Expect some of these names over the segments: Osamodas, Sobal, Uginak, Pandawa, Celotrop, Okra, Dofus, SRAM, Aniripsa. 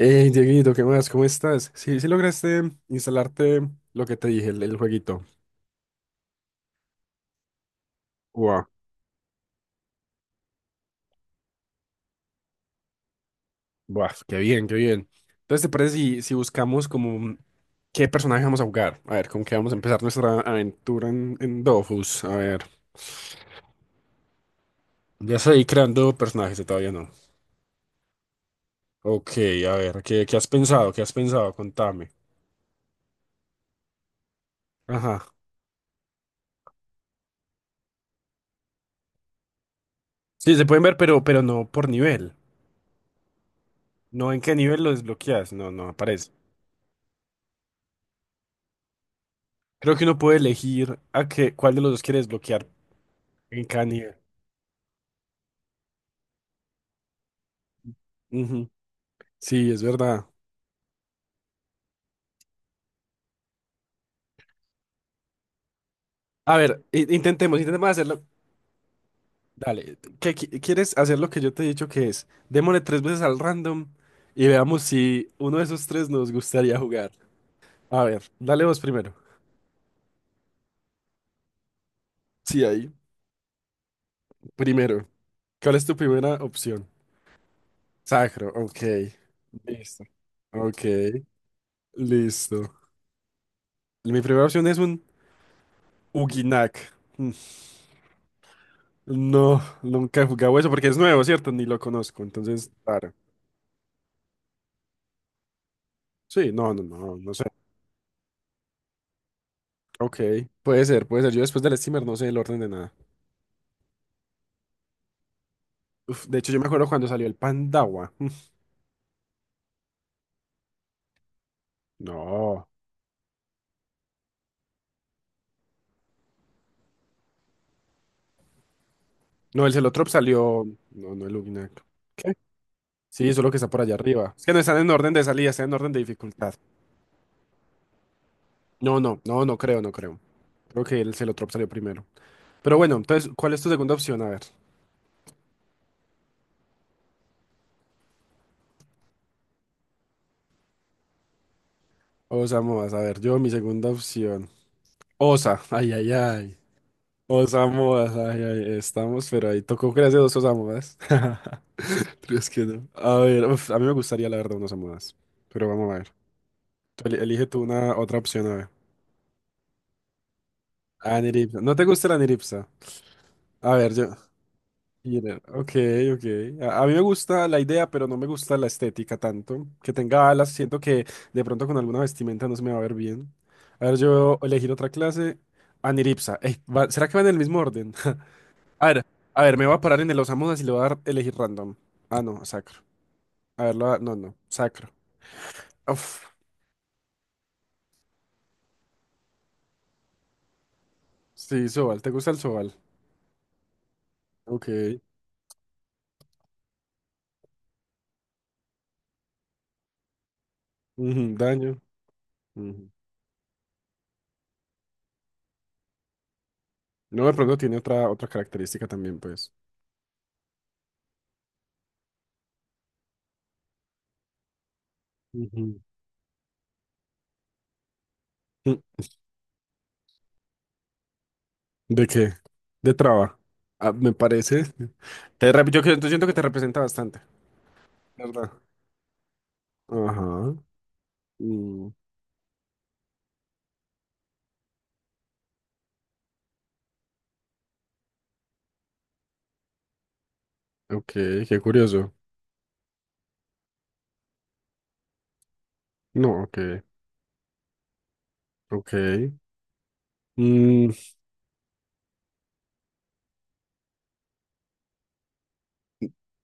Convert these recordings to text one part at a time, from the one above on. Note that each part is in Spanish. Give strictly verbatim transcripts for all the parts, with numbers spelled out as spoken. Hey, Dieguito, ¿qué más? ¿Cómo estás? Sí, sí lograste instalarte lo que te dije, el, el jueguito. Buah, buah, qué bien, qué bien. Entonces, ¿te parece si, si buscamos como un- qué personaje vamos a jugar? A ver, ¿con qué vamos a empezar nuestra aventura en, en Dofus? A ver, ya estoy creando personajes, o todavía no. Ok, a ver, ¿qué, qué has pensado? ¿Qué has pensado? Contame. Ajá. Sí, se pueden ver, pero, pero no por nivel. No en qué nivel lo desbloqueas. No, no aparece. Creo que uno puede elegir a qué, cuál de los dos quiere desbloquear en cada nivel. Ujú. Sí, es verdad. A ver, i- intentemos, intentemos hacerlo. Dale, ¿qué, qui- quieres hacer lo que yo te he dicho que es? Démosle tres veces al random y veamos si uno de esos tres nos gustaría jugar. A ver, dale vos primero. Sí, ahí. Primero. ¿Cuál es tu primera opción? Sacro, ok. Listo. Ok, listo. Mi primera opción es un Uginak. Mm, no, nunca he jugado eso porque es nuevo, ¿cierto? Ni lo conozco, entonces, claro. Sí, no, no, no, no, ok, puede ser, puede ser. Yo después del streamer no sé el orden de nada. Uf, de hecho, yo me acuerdo cuando salió el Pandawa. No, no, el Celotrop salió. No, no, el Uginac. ¿Qué? Sí, eso es lo que está por allá arriba. Es que no están en orden de salida, están en orden de dificultad. No, no, no, no creo, no creo. Creo que el Celotrop salió primero. Pero bueno, entonces, ¿cuál es tu segunda opción? A ver. Osamoas, a ver, yo mi segunda opción. Osa, ay, ay, ay. Osamoas, ay, ay, estamos, pero ahí tocó crearse dos Osamoas. Es que no. A ver, uf, a mí me gustaría la verdad unas almohadas. Pero vamos a ver. Tú eli- elige tú una otra opción, a ver. Aniripsa. ¿No te gusta la aniripsa? A ver, yo. Mira, ok, ok. A, a mí me gusta la idea, pero no me gusta la estética tanto. Que tenga alas, siento que de pronto con alguna vestimenta no se me va a ver bien. A ver, yo elegir otra clase. Aniripsa. Ey, va- ¿será que va en el mismo orden? A ver, a ver, me voy a parar en el Osamudas y le voy a dar elegir random. Ah, no, sacro. A ver, lo, no, no, sacro. Uf. Sí, Sobal, ¿te gusta el Sobal? Ok. Ujú, daño. Ujú. No, de pronto tiene otra, otra característica también, pues. Ujú. Mm. ¿De qué? De traba. Ah, me parece. Te rep- yo, que- Yo siento que te representa bastante, ¿verdad? Ajá. Mm, ok, qué curioso. No, ok, ok. Mm,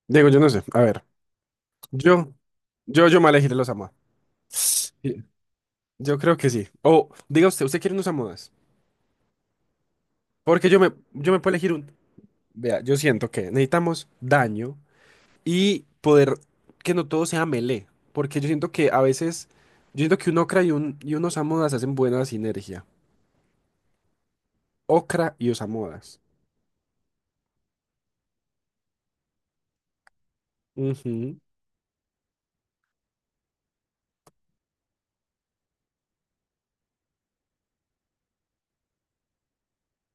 Digo, yo no sé. A ver, yo, yo, yo me elegiré los Samoa. Sí, yo creo que sí. O, diga usted, ¿usted quiere unos Samoas? Porque yo me, yo me puedo elegir un Vea, yo siento que necesitamos daño y poder que no todo sea melee, porque yo siento que a veces, yo siento que un Okra y un, y un Osamodas hacen buena sinergia. Okra y Osamodas. Ujú,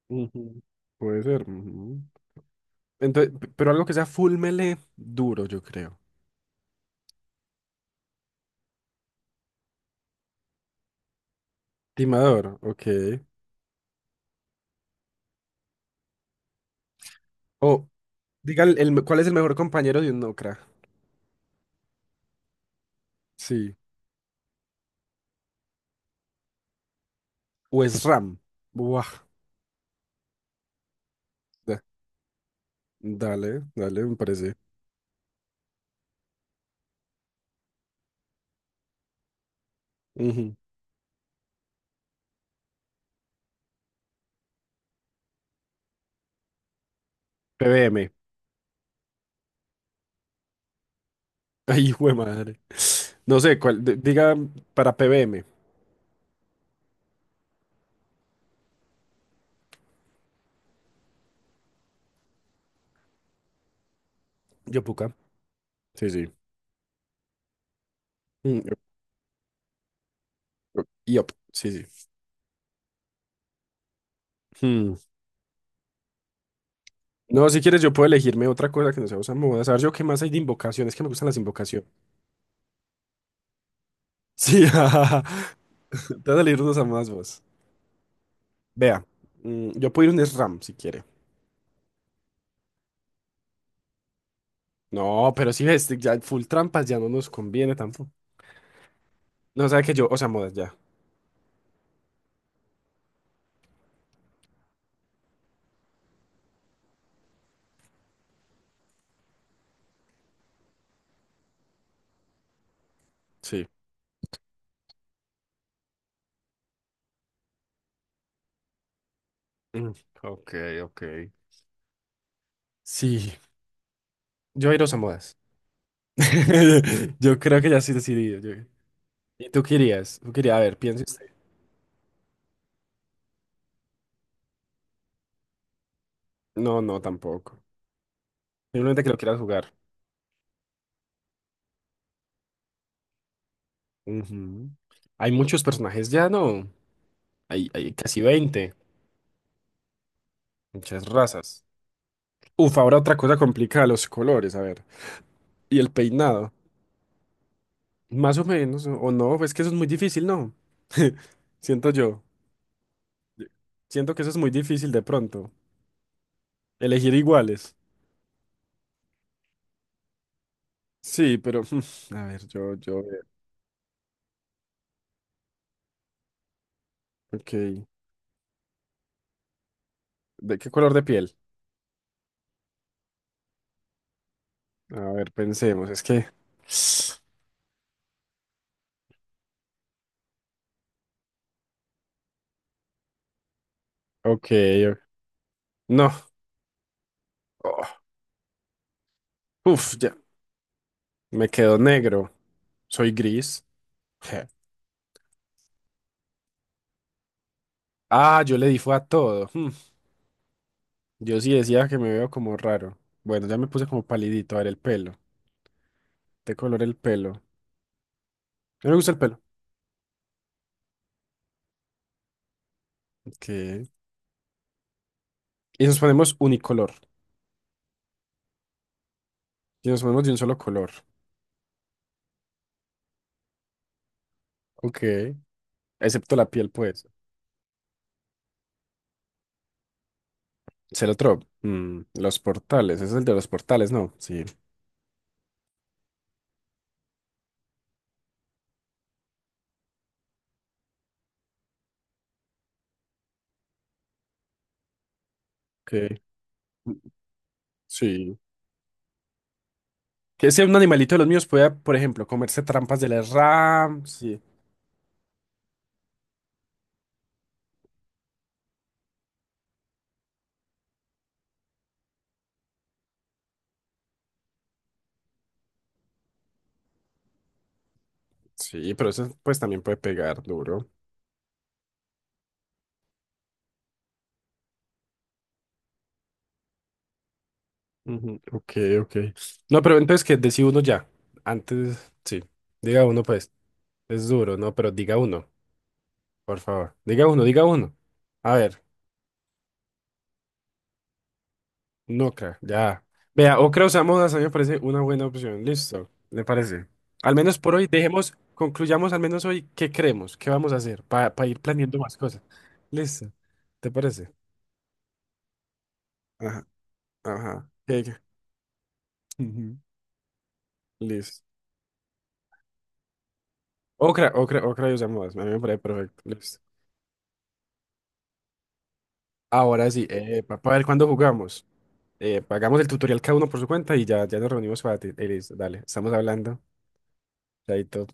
ujú. Puede ser. Ujú. Entonces, p- pero algo que sea full melee, duro, yo creo. Timador, ok. O, diga el, el- cuál es el mejor compañero de un Okra. Sí. O es Ram. Buah. da- Dale, dale, me parece. Ujú. P B M. Ay, hijo de madre. No sé, cuál, d- diga para P B M. Yopuca. Sí, sí. Mm, Yop, Yop, sí, sí. Hmm. No, si quieres, yo puedo elegirme otra cosa que no sea usar modas. A ver, yo qué más hay de invocaciones, que me gustan las invocaciones. Sí, jajaja. Te vas a salir unos a más vos. Vea, mm, yo puedo ir un SRAM si quiere. No, pero si ves, ya full trampas ya no nos conviene tampoco. No, sabe que yo, Osamodas ya. Sí. Mm, ok, ok. Sí, yo ir a Osamodas. Yo creo que ya sí decidido. yo- ¿Y tú querías? ¿Tú querías? A ver, piensa usted. No, no, tampoco. Simplemente que lo quieras jugar. Ujú. Hay muchos personajes ya, ¿no? Hay, hay casi veinte. Muchas razas. Uf, ahora otra cosa complicada, los colores, a ver. Y el peinado. Más o menos, o o no, es que eso es muy difícil, ¿no? Siento yo. Siento que eso es muy difícil de pronto. Elegir iguales. Sí, pero a ver, yo, yo, ok. ¿De qué color de piel? A ver, pensemos, es que. Ok, no. Oh, uf, ya. Me quedo negro. Soy gris. Je. Ah, yo le di fue a todo. Hmm. Yo sí decía que me veo como raro. Bueno, ya me puse como palidito. A ver, el pelo. ¿De color el pelo? No me gusta el pelo. Ok. Y nos ponemos unicolor. Y nos ponemos de un solo color. Ok. Excepto la piel, pues. Celotrop. Mm, los portales. Ese es el de los portales, ¿no? Sí. Ok. Sí. Que ese un animalito de los míos pueda, por ejemplo, comerse trampas de las RAM. Sí, pero eso pues también puede pegar duro. Ujú. Ok, ok. No, pero entonces que decía uno ya. Antes, sí. Diga uno, pues. Es duro, ¿no? Pero diga uno, por favor. Diga uno, diga uno. A ver, no creo, ya. Vea, Ocra Osamudas a mí me parece una buena opción. Listo, ¿le parece? Al menos por hoy, dejemos, concluyamos al menos hoy qué creemos, qué vamos a hacer para ir planeando más cosas. Listo, ¿te parece? Ajá, ajá. Ok, ok. Ujú. Listo. Ocra, Ocra, Ocra y usamos. A mí me parece perfecto. Listo. Ahora sí, eh, para ver cuándo jugamos. Eh, hagamos el tutorial cada uno por su cuenta y ya, ya nos reunimos para ti. Eh, listo, dale, estamos hablando. Chaito.